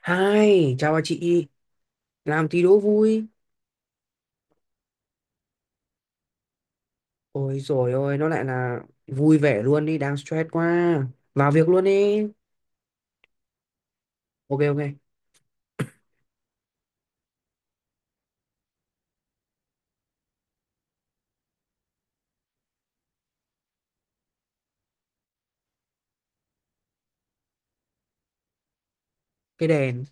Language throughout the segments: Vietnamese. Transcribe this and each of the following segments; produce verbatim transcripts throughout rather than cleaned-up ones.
Hai, chào bà chị, làm tí đố vui. Ôi rồi ôi, nó lại là vui vẻ luôn đi, đang stress quá. Vào việc luôn đi. Ok ok, cây đèn.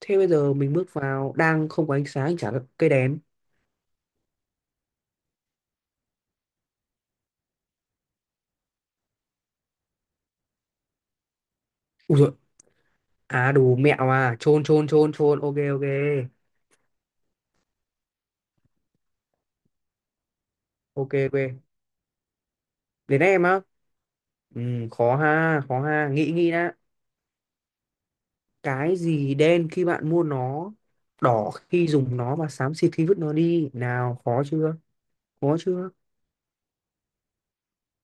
Thế bây giờ mình bước vào, đang không có ánh sáng, chả có cây đèn. Ui rồi, à đủ mẹo à, chôn chôn chôn chôn, ok ok. Ok ok, đến em á. Ừ, khó ha, khó ha, nghĩ nghĩ đã. Cái gì đen khi bạn mua nó, đỏ khi dùng nó và xám xịt khi vứt nó đi. Nào, khó chưa? Khó chưa?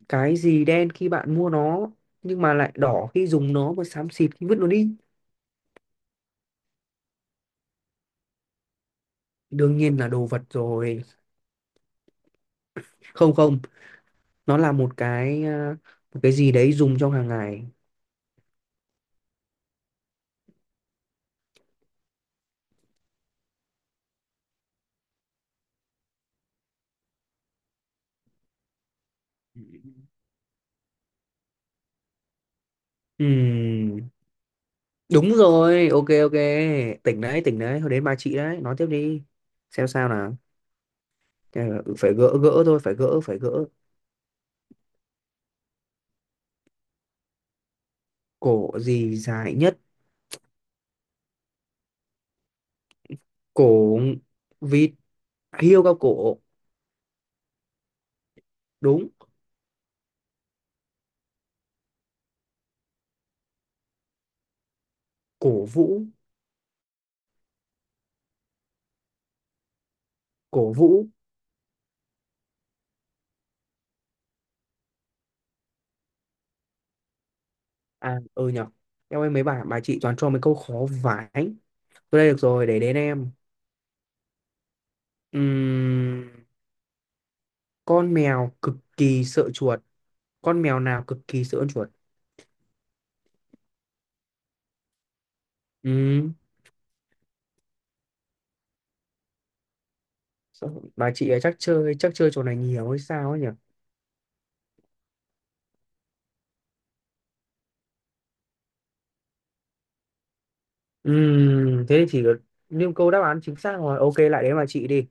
Cái gì đen khi bạn mua nó, nhưng mà lại đỏ khi dùng nó và xám xịt khi vứt nó đi. Đương nhiên là đồ vật rồi. Không không, nó là một cái à, một cái gì đấy dùng trong hàng ngày. Ừm, Đúng rồi, ok ok, tỉnh đấy tỉnh đấy. Thôi, đến bà chị đấy, nói tiếp đi, xem sao nào. Ờ, Phải gỡ gỡ thôi, phải gỡ phải gỡ. Cổ gì dài nhất? Cổ vịt. Hiêu cao cổ. Đúng. Cổ vũ. Cổ vũ. À, ừ nhở. Em ơi, mấy bà bà chị toàn cho mấy câu khó vãi. Tôi đây được rồi, để đến em. Ừm, con mèo cực kỳ sợ chuột. Con mèo nào cực kỳ sợ con chuột? Ừm, sao- bà chị ấy chắc chơi chắc chơi trò này nhiều hay sao ấy nhỉ? Ừm, thế thì chỉ được, nhưng câu đáp án chính xác rồi. Ok, lại đến bà chị đi.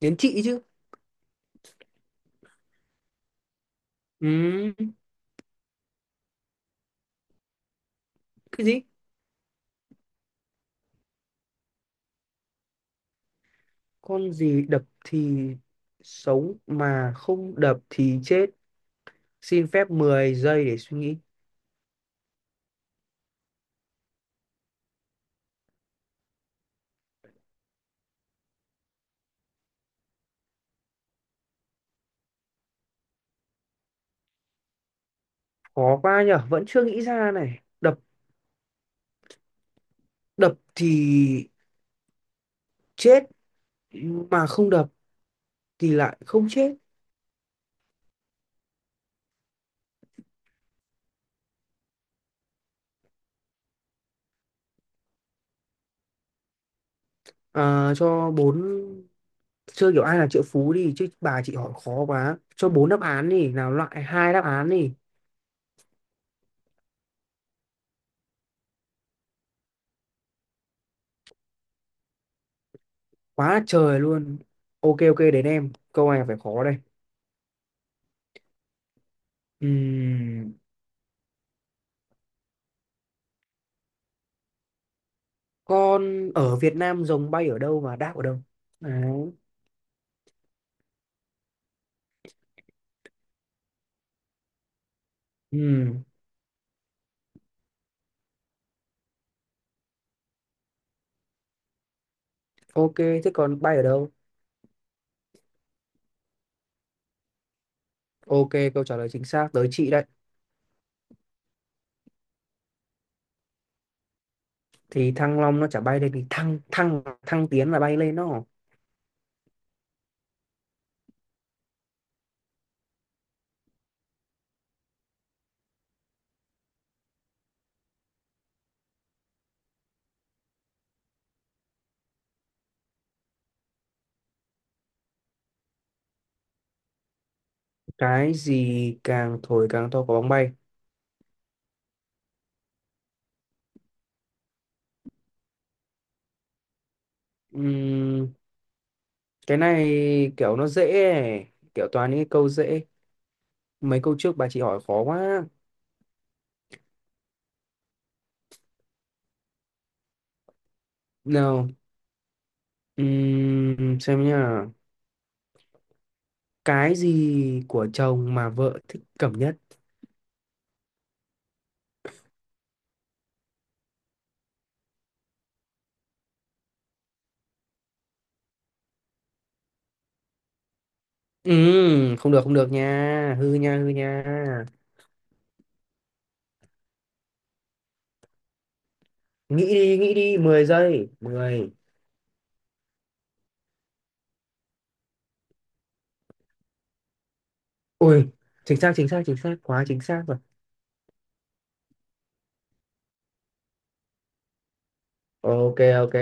Đến chị chứ. Ừm, cái gì? Con gì đập thì sống mà không đập thì chết. Xin phép mười giây để suy nghĩ. Khó quá nhở, vẫn chưa nghĩ ra này. Đập đập thì chết mà không đập thì lại không chết. À, cho bốn, chơi kiểu ai là triệu phú đi chứ, bà chị hỏi khó quá, cho bốn đáp án đi nào, loại hai đáp án đi. Quá là trời luôn. Ok ok, đến em câu này phải khó đây. Ừm, con ở Việt Nam, rồng bay ở đâu và đáp ở đâu đấy. Ừm, ok, thế còn bay ở đâu? Ok, câu trả lời chính xác, tới chị đây. Thì Thăng Long nó chả bay lên, thì thăng, thăng, thăng tiến là bay lên đó. Cái gì càng thổi càng to? Có bóng bay. Ừm, cái này kiểu nó dễ ấy. Kiểu toàn những cái câu dễ, mấy câu trước bà chị hỏi khó quá. Nào, ừm, xem nhá. Cái gì của chồng mà vợ thích cầm nhất? Ừm, không được không được nha, hư nha hư nha. Nghĩ đi, nghĩ đi, mười giây, mười. Ui, chính xác chính xác chính xác, quá chính xác rồi. Ok ok,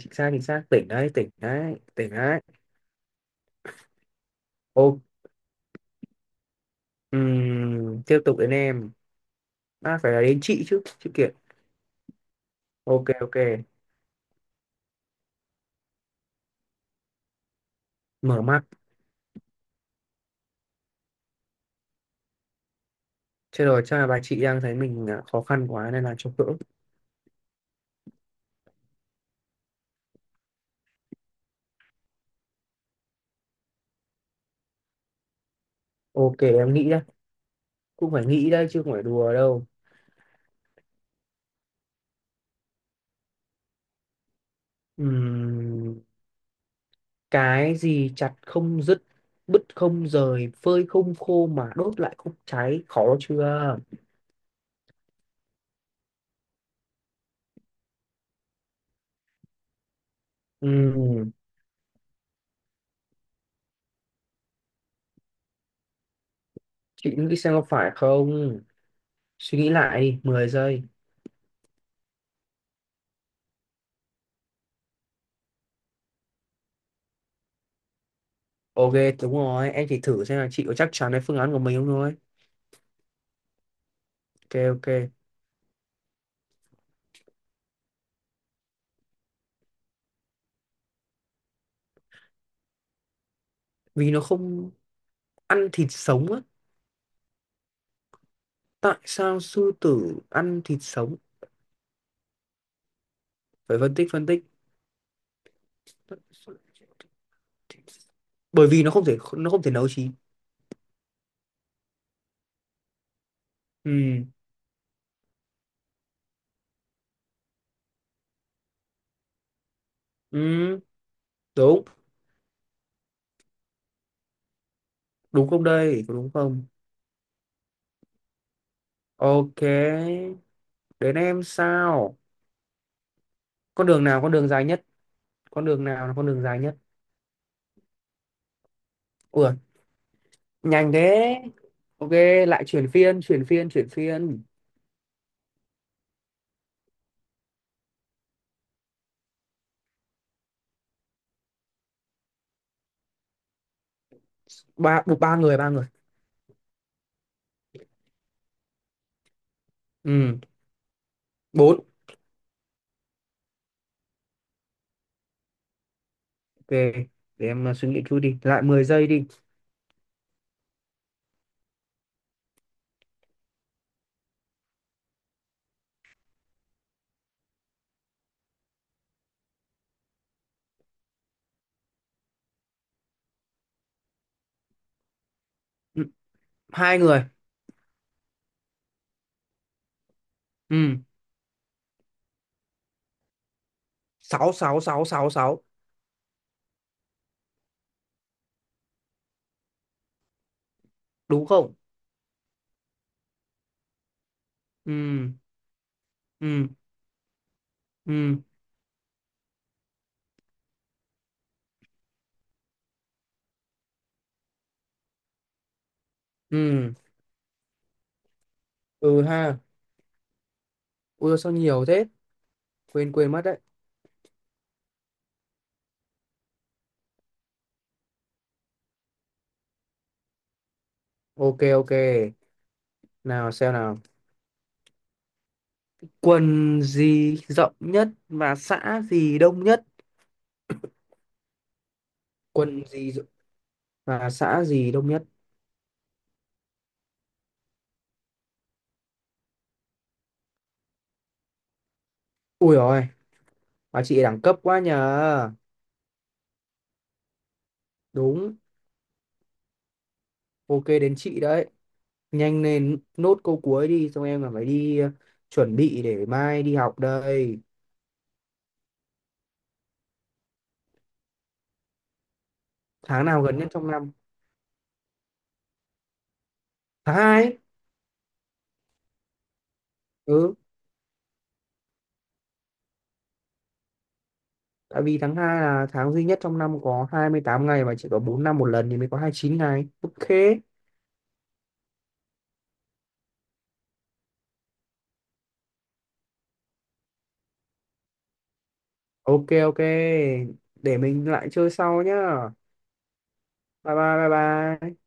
chính xác chính xác, tỉnh đấy tỉnh đấy tỉnh đấy. Ô, ừm, tiếp tục đến em. À, phải là đến chị chứ chứ kiện. Ok ok, mở mắt. Chết rồi, chắc là bà chị đang thấy mình à, khó khăn quá nên là cho cỡ. Ok, em nghĩ đây, cũng phải nghĩ đây chứ không phải đùa đâu. Ừm, cái gì chặt không dứt, bứt không rời, phơi không khô mà đốt lại không cháy? Khó chưa? Ừm, chị nghĩ xem có phải không, suy nghĩ lại đi, mười giây. Ok, đúng rồi, em chỉ thử xem là chị có chắc chắn với phương án của mình không thôi. Ok ok. Vì nó không ăn thịt sống á. Tại sao sư tử ăn thịt sống? Phải phân tích, phân tích. Bởi vì nó không thể nó không thể nấu chín. Ừ, ừ đúng. Đúng không, đây có đúng không? Ok. Đến em sao? Con đường nào con đường dài nhất? Con đường nào là con đường dài nhất? Ủa, nhanh thế. Ok, lại chuyển phiên, chuyển phiên, chuyển phiên. Ba, ba người, ba người. Ừ. Bốn. Ok, để em uh, suy nghĩ chút đi, lại mười giây đi. Ừ. Hai người. Ừ. Sáu, sáu, sáu, sáu, sáu. Đúng không? Ừ. Ừ. Ừ. Ừ. Ừ ha. Ui, sao nhiều thế, quên quên mất đấy. Ok ok, nào xem nào. Quần gì rộng nhất và xã gì đông nhất? quần gì rộng- và xã gì đông nhất? Ui rồi, bà chị đẳng cấp quá nhờ. Đúng. Ok, đến chị đấy, nhanh lên, nốt câu cuối đi, xong em còn phải đi ờ, chuẩn bị để mai đi học đây. Tháng nào gần nhất trong năm? Tháng hai ấy. Ừ. Tại vì tháng hai là tháng duy nhất trong năm có hai mươi tám ngày, mà chỉ có bốn năm một lần thì mới có hai mươi chín ngày. Ok. Ok ok, để mình lại chơi sau nhá. Bye bye bye bye.